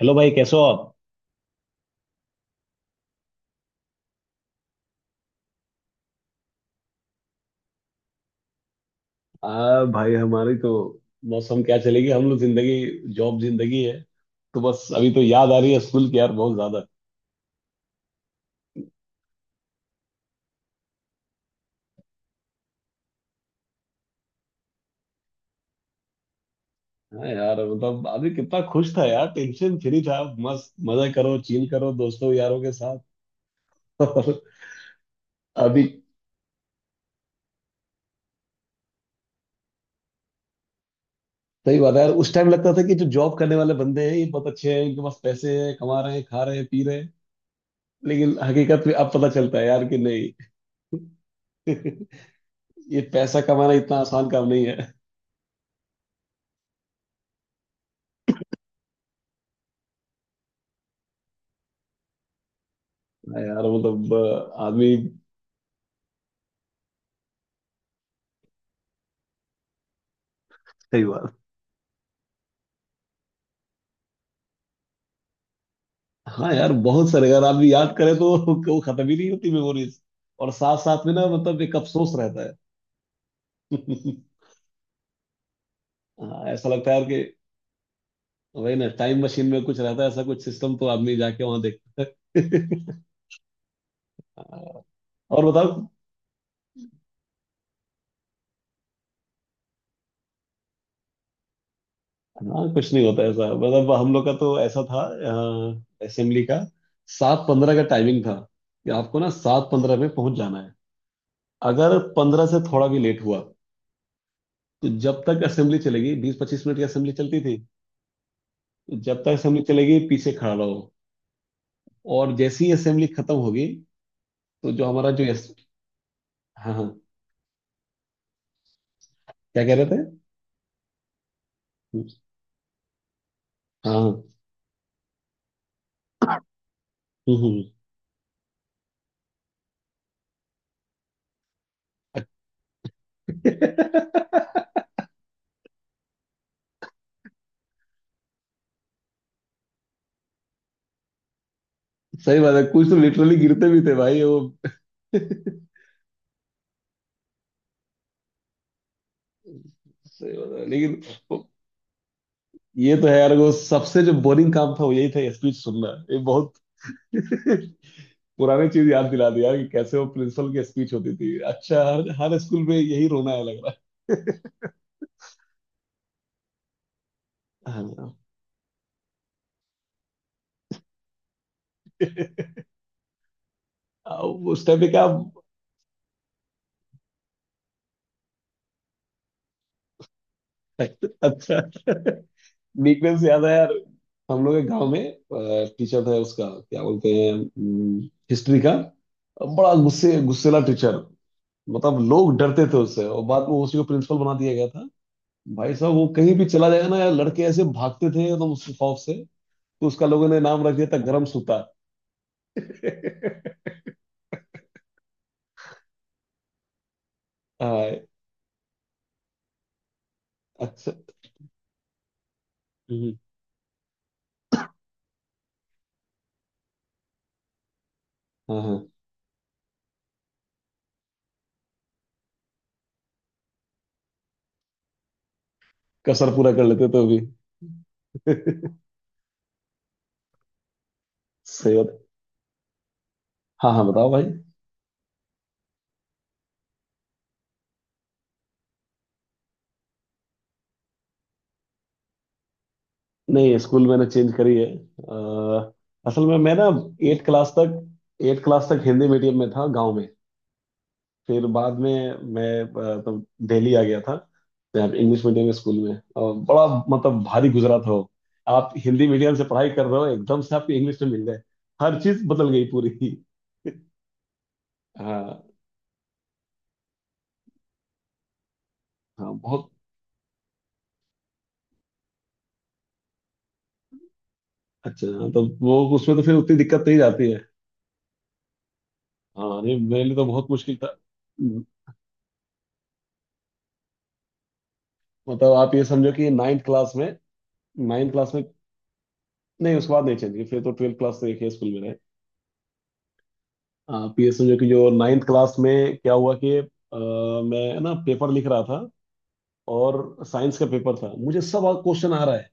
Hello भाई, कैसे हो आप? आ भाई, हमारी तो मौसम क्या चलेगी। हम लोग जिंदगी जॉब जिंदगी है। तो बस अभी तो याद आ रही है स्कूल की यार, बहुत ज्यादा। हाँ यार, मतलब अभी कितना खुश था यार, टेंशन फ्री था। मस्त मजा करो, चिल करो दोस्तों यारों के साथ। और अभी सही बात है यार, उस टाइम लगता था कि जो जॉब करने वाले बंदे हैं ये बहुत अच्छे हैं, इनके पास पैसे हैं, कमा रहे हैं, खा रहे हैं, पी रहे हैं। लेकिन हकीकत में अब पता चलता है यार कि नहीं। ये पैसा कमाना इतना आसान काम नहीं है। हाँ यार, मतलब आदमी। सही बात। हाँ यार, बहुत सारे अगर आदमी याद करे तो वो खत्म ही नहीं होती मेमोरीज। और साथ साथ में ना मतलब एक अफसोस रहता है। हाँ, ऐसा लगता है यार कि वही ना, टाइम मशीन में कुछ रहता है ऐसा, कुछ सिस्टम तो आदमी जाके वहां देखता है। और बताओ। हाँ, कुछ नहीं होता ऐसा। मतलब हम लोग का तो ऐसा था, असेंबली का 7:15 का टाइमिंग था कि आपको ना 7:15 में पहुंच जाना है। अगर पंद्रह से थोड़ा भी लेट हुआ तो जब तक असेंबली चलेगी, 20-25 मिनट की असेंबली चलती थी, तो जब तक असेंबली चलेगी पीछे खड़ा रहो। और जैसे ही असेंबली खत्म होगी तो जो हमारा जो यस। हाँ हाँ, क्या कह रहे थे? हाँ हाँ, हम्म। सही बात है, कुछ तो लिटरली गिरते भी थे भाई वो। सही बात है लेकिन वो- ये तो है यार, वो सबसे जो बोरिंग काम था वो यही था, स्पीच सुनना। ये बहुत पुरानी चीज याद दिला दी यार, कि कैसे वो प्रिंसिपल की स्पीच होती थी। अच्छा, हर हर स्कूल में यही रोना है लग रहा है। हाँ, हाँ, उस टाइम पे क्या। अच्छा, वीकनेस याद है यार। हम लोग के गांव में टीचर था, उसका क्या बोलते हैं, हिस्ट्री का। बड़ा गुस्से गुस्सेला टीचर, मतलब लोग डरते थे उससे। और बाद में उसी को प्रिंसिपल बना दिया गया था। भाई साहब, वो कहीं भी चला जाएगा ना यार, लड़के ऐसे भागते थे एकदम उसके खौफ से। तो उसका लोगों ने नाम रख दिया था गरम सूता। हाँ, अच्छा, हम्म, हाँ हाँ, कसर पूरा कर लेते तो भी। सही बात। हाँ हाँ, बताओ भाई। नहीं, स्कूल मैंने चेंज करी है। असल में मैं ना 8th क्लास तक, 8th क्लास तक हिंदी मीडियम में था, गांव में। फिर बाद में मैं तो दिल्ली आ गया था। यहाँ पे इंग्लिश मीडियम स्कूल में, और बड़ा मतलब भारी गुजरा था वो। आप हिंदी मीडियम से पढ़ाई कर रहे हो, एकदम से आपको इंग्लिश में मिल जाए। हर चीज बदल गई पूरी। हाँ, हाँ, बहुत। अच्छा हाँ, तो वो उसमें तो फिर उतनी दिक्कत नहीं जाती है। हाँ, नहीं मेरे लिए तो बहुत मुश्किल था। मतलब आप ये समझो कि 9th क्लास में, 9th क्लास में। नहीं, उसके बाद नहीं चेंज की, फिर तो 12th क्लास तक एक ही स्कूल में रहे। पी एस एम, जो कि जो 9th क्लास में क्या हुआ कि मैं ना पेपर लिख रहा था। और साइंस का पेपर था, मुझे सब क्वेश्चन आ रहा है,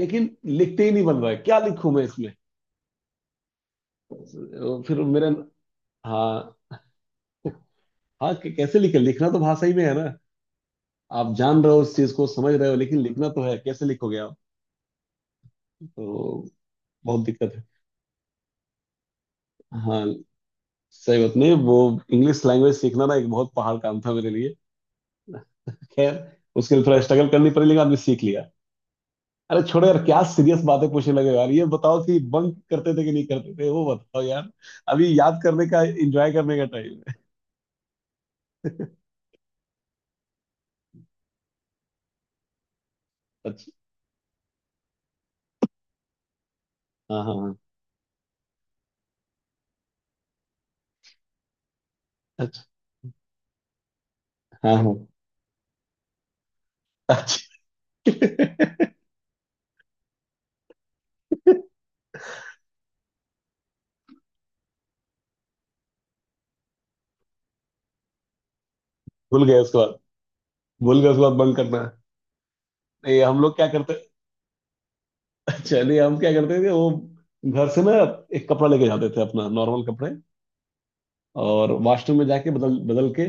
लेकिन लिखते ही नहीं बन रहा है, क्या लिखूं मैं इसमें। फिर मेरे, हाँ हाँ, कैसे लिखे, लिखना तो भाषा ही में है ना। आप जान रहे हो उस चीज को, समझ रहे हो, लेकिन लिखना तो है, कैसे लिखोगे आप। तो बहुत दिक्कत है। हाँ, सही बात, नहीं वो इंग्लिश लैंग्वेज सीखना ना एक बहुत पहाड़ काम था मेरे लिए। खैर, उसके लिए थोड़ा स्ट्रगल करनी पड़ी, लेकिन आदमी सीख लिया। अरे छोड़ो यार, क्या सीरियस बातें पूछने लगे यार। ये बताओ कि बंक करते थे कि नहीं करते थे, वो बताओ यार। अभी याद करने का, एंजॉय करने का टाइम है। अच्छा, हाँ हाँ हाँ, अच्छा, हाँ हाँ, अच्छा। भूल गए उसके बाद, भूल गए उसके बाद बंक करना। नहीं हम लोग क्या करते, अच्छा नहीं हम क्या करते थे वो। घर से ना एक कपड़ा लेके जाते थे, अपना नॉर्मल कपड़े। और वॉशरूम में जाके बदल बदल के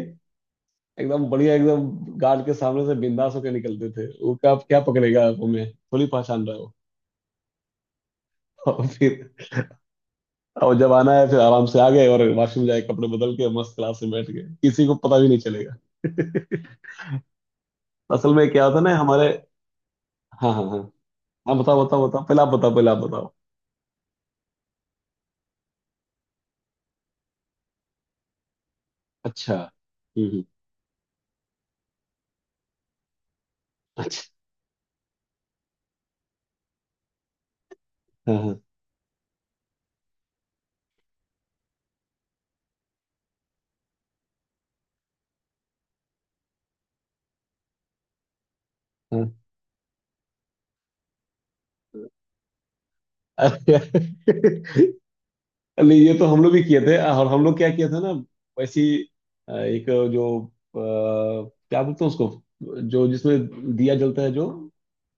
एकदम बढ़िया, एकदम गार्ड के सामने से बिंदास होकर निकलते थे। वो क्या क्या पकड़ेगा, आप हमें थोड़ी पहचान रहे हो। और फिर, और जब आना है फिर आराम से आ गए, और वॉशरूम जाके कपड़े बदल के मस्त क्लास में बैठ गए, किसी को पता भी नहीं चलेगा। असल में क्या होता है ना हमारे। हाँ हाँ हाँ, हाँ बताओ बताओ बताओ, पहले आप बताओ, पहले आप बताओ। अच्छा, हम्म हम्म, अच्छा, हाँ हाँ हाँ। अरे! नहीं ये तो हम लोग भी किए थे। और हम लोग क्या किया था ना, वैसी एक, जो क्या बोलते हैं उसको, जो जिसमें दिया जलता है जो,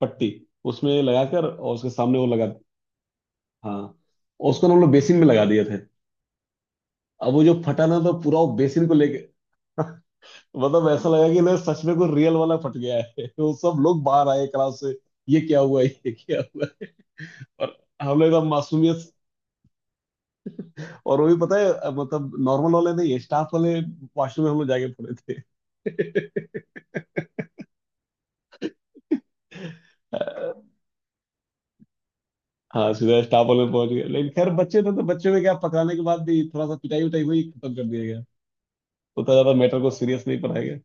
पट्टी, उसमें लगाकर और उसके सामने वो लगा। हाँ, और उसको ना हम लोग बेसिन में लगा दिए थे। अब वो जो फटा ना तो पूरा वो बेसिन को लेके मतलब ऐसा लगा कि ना सच में कोई रियल वाला फट गया है। तो सब लोग बाहर आए क्लास से, ये क्या हुआ, ये क्या हुआ। और हम लोग एकदम मासूमियत। और वो भी पता है मतलब नॉर्मल वाले नहीं, स्टाफ वाले वॉशरूम में हम लोग जाके पड़े थे। अ, हाँ, सीधा स्टाफ वाले में पहुंच गए। लेकिन खैर, बच्चे थे, तो बच्चों में क्या, पकड़ाने के बाद भी थोड़ा सा पिटाई उटाई हुई, खत्म कर दिया गया। उतना ज्यादा मैटर को सीरियस नहीं पढ़ाया गया।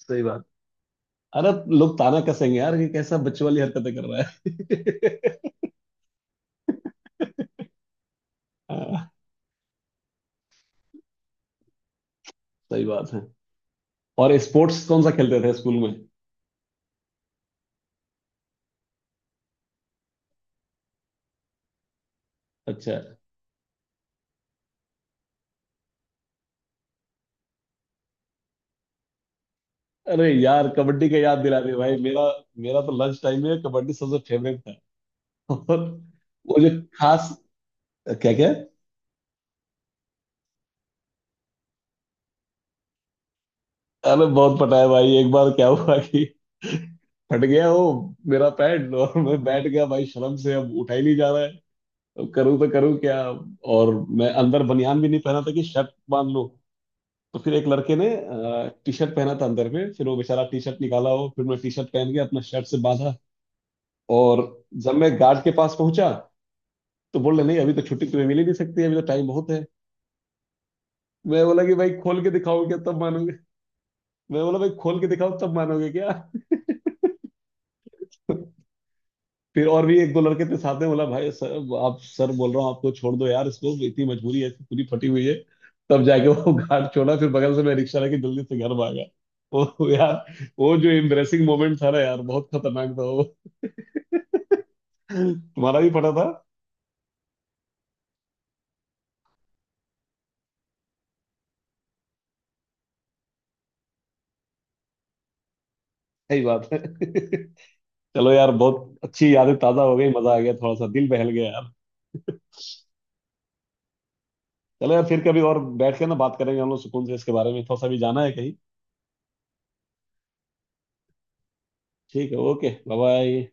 सही बात। अरे, लोग ताना कसेंगे यार कि कैसा बच्चों वाली हरकतें कर रहा है। हाँ, सही बात है। और स्पोर्ट्स कौन सा खेलते थे स्कूल में? अच्छा। अरे यार, कबड्डी का याद दिला दे भाई। मेरा, मेरा तो लंच टाइम में कबड्डी सबसे फेवरेट था। और वो जो खास, क्या क्या। अरे बहुत, पता है भाई एक बार क्या हुआ कि फट गया वो, मेरा पैड। और मैं बैठ गया भाई शर्म से, अब उठा ही नहीं जा रहा है, अब करूँ तो करूँ क्या। और मैं अंदर बनियान भी नहीं पहना था कि शर्ट बांध लूं। तो फिर एक लड़के ने टी शर्ट पहना था अंदर में, फिर वो बेचारा टी शर्ट निकाला हो, फिर मैं टी शर्ट पहन के अपना शर्ट से बांधा। और जब मैं गार्ड के पास पहुंचा तो बोल रहे नहीं, अभी तो छुट्टी तुम्हें मिल ही नहीं सकती, अभी तो टाइम बहुत है। मैं बोला कि भाई खोल के दिखाओ क्या, तब मानोगे? मैं बोला भाई खोल के दिखाओ तब मानोगे क्या? फिर और भी एक दो लड़के थे साथ में, बोला भाई सर, आप सर बोल रहा हूँ आपको, छोड़ दो यार इसको, इतनी मजबूरी है, इसकी पूरी फटी हुई है। तब जाके वो घाट छोड़ा, फिर बगल से मैं रिक्शा लेके जल्दी से घर भागा। वो यार, वो जो एम्बरेसिंग मोमेंट था ना यार, बहुत खतरनाक था वो। तुम्हारा भी फटा था। सही बात है। चलो यार, बहुत अच्छी यादें ताजा हो गई, मजा आ गया, थोड़ा सा दिल बहल गया यार। चलो यार, फिर कभी और बैठ के ना बात करेंगे हम लोग सुकून से, इसके बारे में थोड़ा सा भी जाना है कहीं। ठीक है, ओके, बाय बाय।